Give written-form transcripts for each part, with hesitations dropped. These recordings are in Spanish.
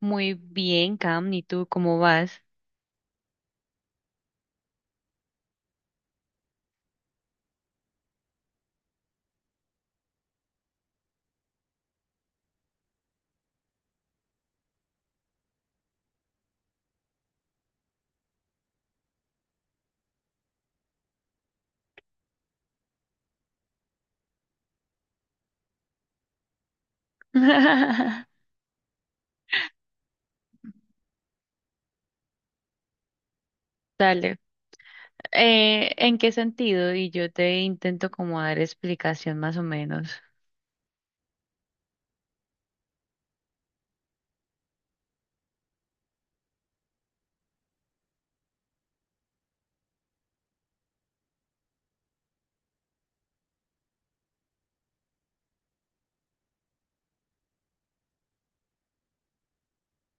Muy bien, Cam, ¿y tú cómo vas? Dale. ¿En qué sentido? Y yo te intento como dar explicación más o menos.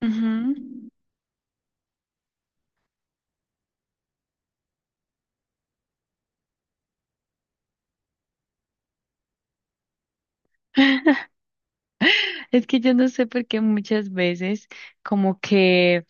Ujú. Es que yo no sé por qué muchas veces como que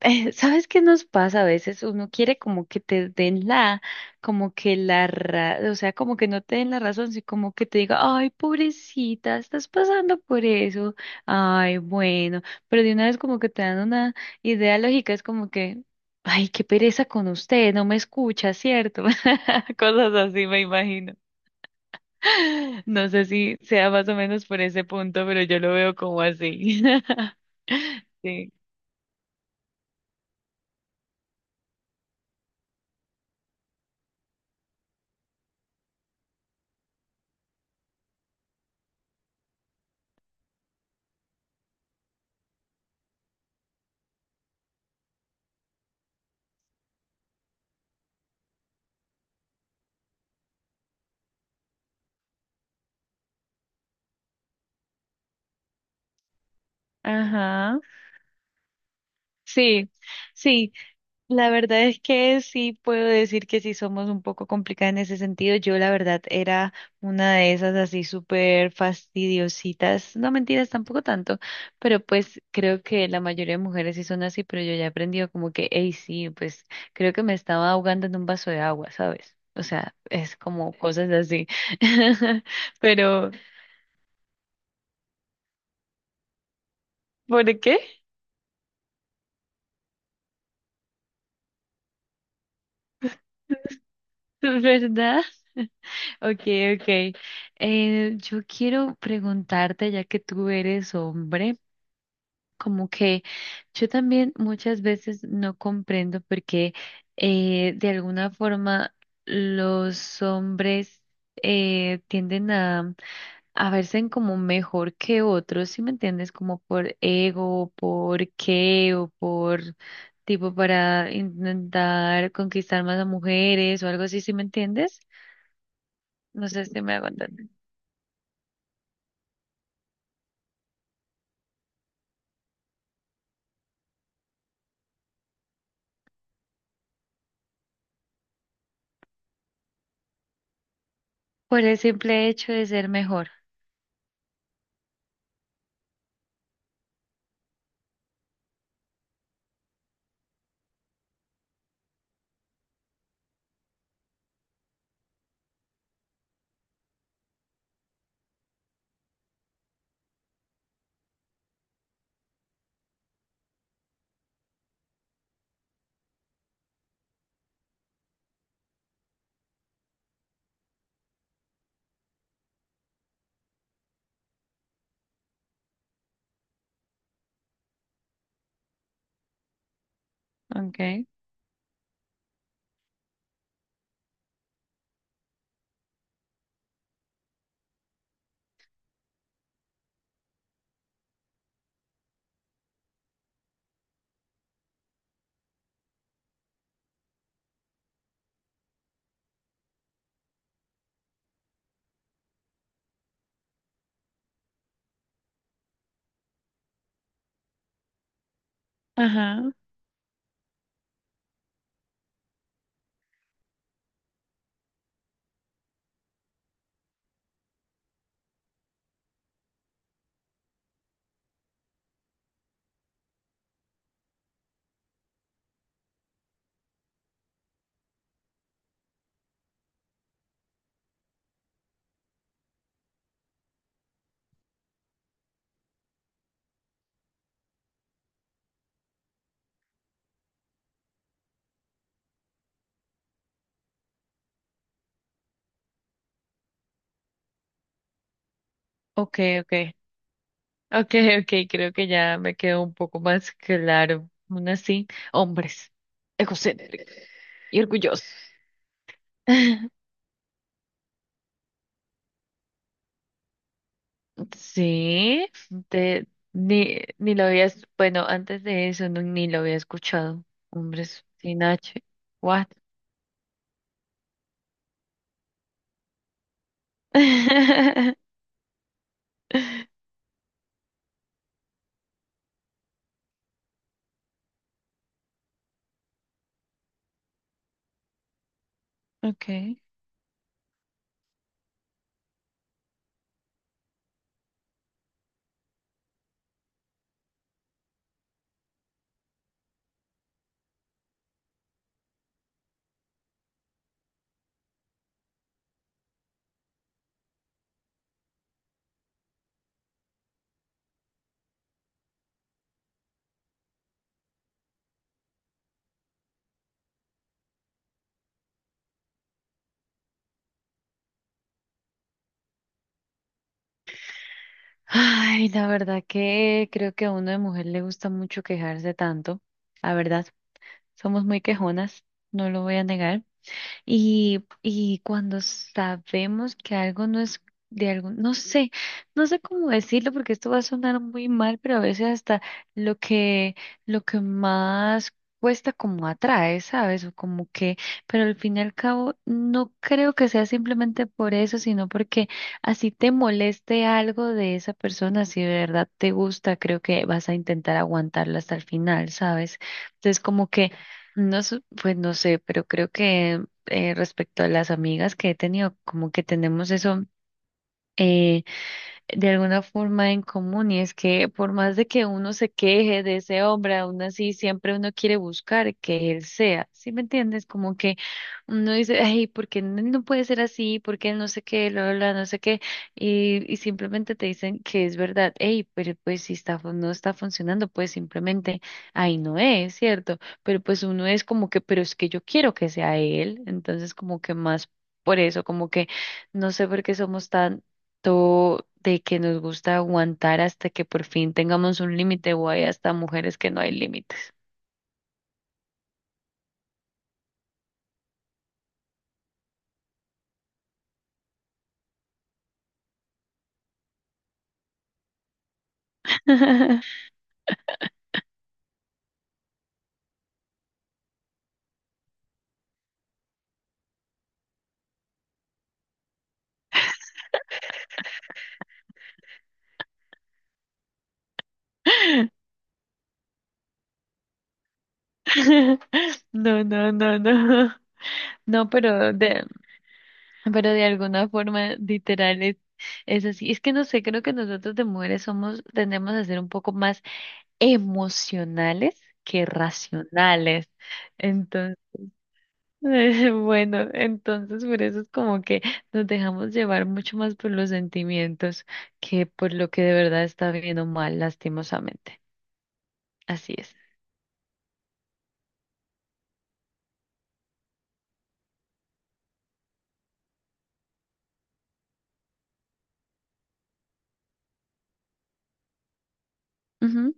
¿Sabes qué nos pasa a veces? Uno quiere como que te den la, como que o sea, como que no te den la razón, sino como que te diga, ay, pobrecita, estás pasando por eso, ay, bueno, pero de una vez como que te dan una idea lógica, es como que, ay, qué pereza con usted, no me escucha, ¿cierto? Cosas así me imagino. No sé si sea más o menos por ese punto, pero yo lo veo como así. Sí. Ajá. Sí. Sí, la verdad es que sí puedo decir que sí somos un poco complicadas en ese sentido. Yo la verdad era una de esas así súper fastidiositas. No mentiras, tampoco tanto, pero pues creo que la mayoría de mujeres sí son así, pero yo ya he aprendido como que, hey, sí, pues creo que me estaba ahogando en un vaso de agua, ¿sabes? O sea, es como cosas así. Pero, ¿por qué? ¿Verdad? Okay, okay. Yo quiero preguntarte, ya que tú eres hombre. Como que yo también muchas veces no comprendo porque de alguna forma los hombres tienden a verse como mejor que otros, ¿si me entiendes? Como por ego, por qué o por tipo para intentar conquistar más a mujeres o algo así, ¿si me entiendes? No sé si me hago entender. Por el simple hecho de ser mejor. Okay. Ajá. Ok, ok. Okay, okay, creo que ya me quedó un poco más claro. Aún así, hombres, egocéntricos y orgullosos. Sí, te, ni lo habías, bueno, antes de eso ni lo había escuchado. Hombres sin H. What? Okay. Ay, la verdad que creo que a uno de mujer le gusta mucho quejarse tanto. La verdad, somos muy quejonas, no lo voy a negar. Y cuando sabemos que algo no es de algún, no sé, no sé cómo decirlo porque esto va a sonar muy mal, pero a veces hasta lo que, lo que más cuesta como atrae, ¿sabes? O como que, pero al fin y al cabo no creo que sea simplemente por eso, sino porque así te moleste algo de esa persona, si de verdad te gusta, creo que vas a intentar aguantarlo hasta el final, ¿sabes? Entonces como que, no, sé, pues no sé, pero creo que respecto a las amigas que he tenido, como que tenemos eso eh, de alguna forma en común y es que por más de que uno se queje de ese hombre, aún así siempre uno quiere buscar que él sea, ¿sí me entiendes? Como que uno dice, ay, ¿por qué él no puede ser así? ¿Por qué él no sé qué, lo, no sé qué? Y simplemente te dicen que es verdad, hey, pero pues si está, no está funcionando, pues simplemente ahí no es, ¿cierto? Pero pues uno es como que, pero es que yo quiero que sea él, entonces como que más... Por eso, como que no sé por qué somos tan esto de que nos gusta aguantar hasta que por fin tengamos un límite o hay hasta mujeres que no hay límites. No, no, no, no. No, pero de alguna forma literal es así. Es que no sé, creo que nosotros de mujeres somos, tendemos a ser un poco más emocionales que racionales. Entonces bueno, entonces por eso es como que nos dejamos llevar mucho más por los sentimientos que por lo que de verdad está bien o mal, lastimosamente. Así es. Ujú.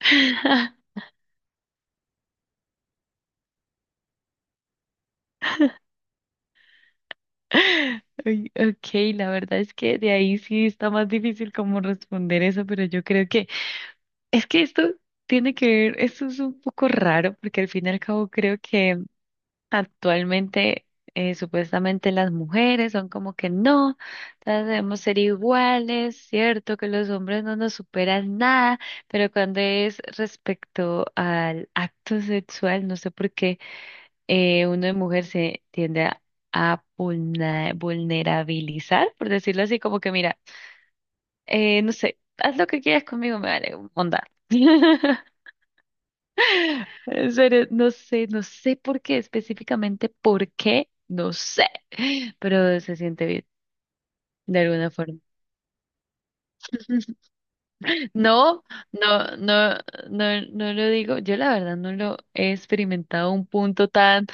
Ay, ok, la verdad es que de ahí sí está más difícil como responder eso, pero yo creo que es que esto tiene que ver, esto es un poco raro porque al fin y al cabo creo que actualmente, supuestamente las mujeres son como que no, todas debemos ser iguales, cierto que los hombres no nos superan nada, pero cuando es respecto al acto sexual, no sé por qué uno de mujer se tiende a vulnerabilizar, por decirlo así, como que mira, no sé, haz lo que quieras conmigo, me vale, onda. En serio, no sé, no sé por qué, específicamente por qué, no sé, pero se siente bien de alguna forma. No, no, no, no, no lo digo, yo la verdad no lo he experimentado a un punto tan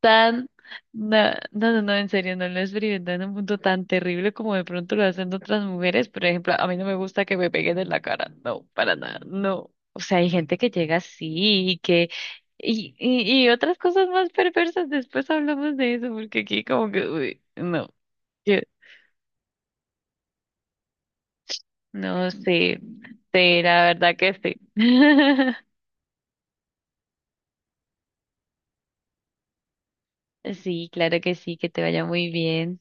tan, no, no, no, no, en serio, no lo experimentan en un punto tan terrible como de pronto lo hacen otras mujeres. Por ejemplo, a mí no me gusta que me peguen en la cara, no, para nada, no. O sea, hay gente que llega así y que, y otras cosas más perversas, después hablamos de eso, porque aquí como que, uy, no, yo, no sé, sí, sí, la verdad que sí. Sí, claro que sí, que te vaya muy bien.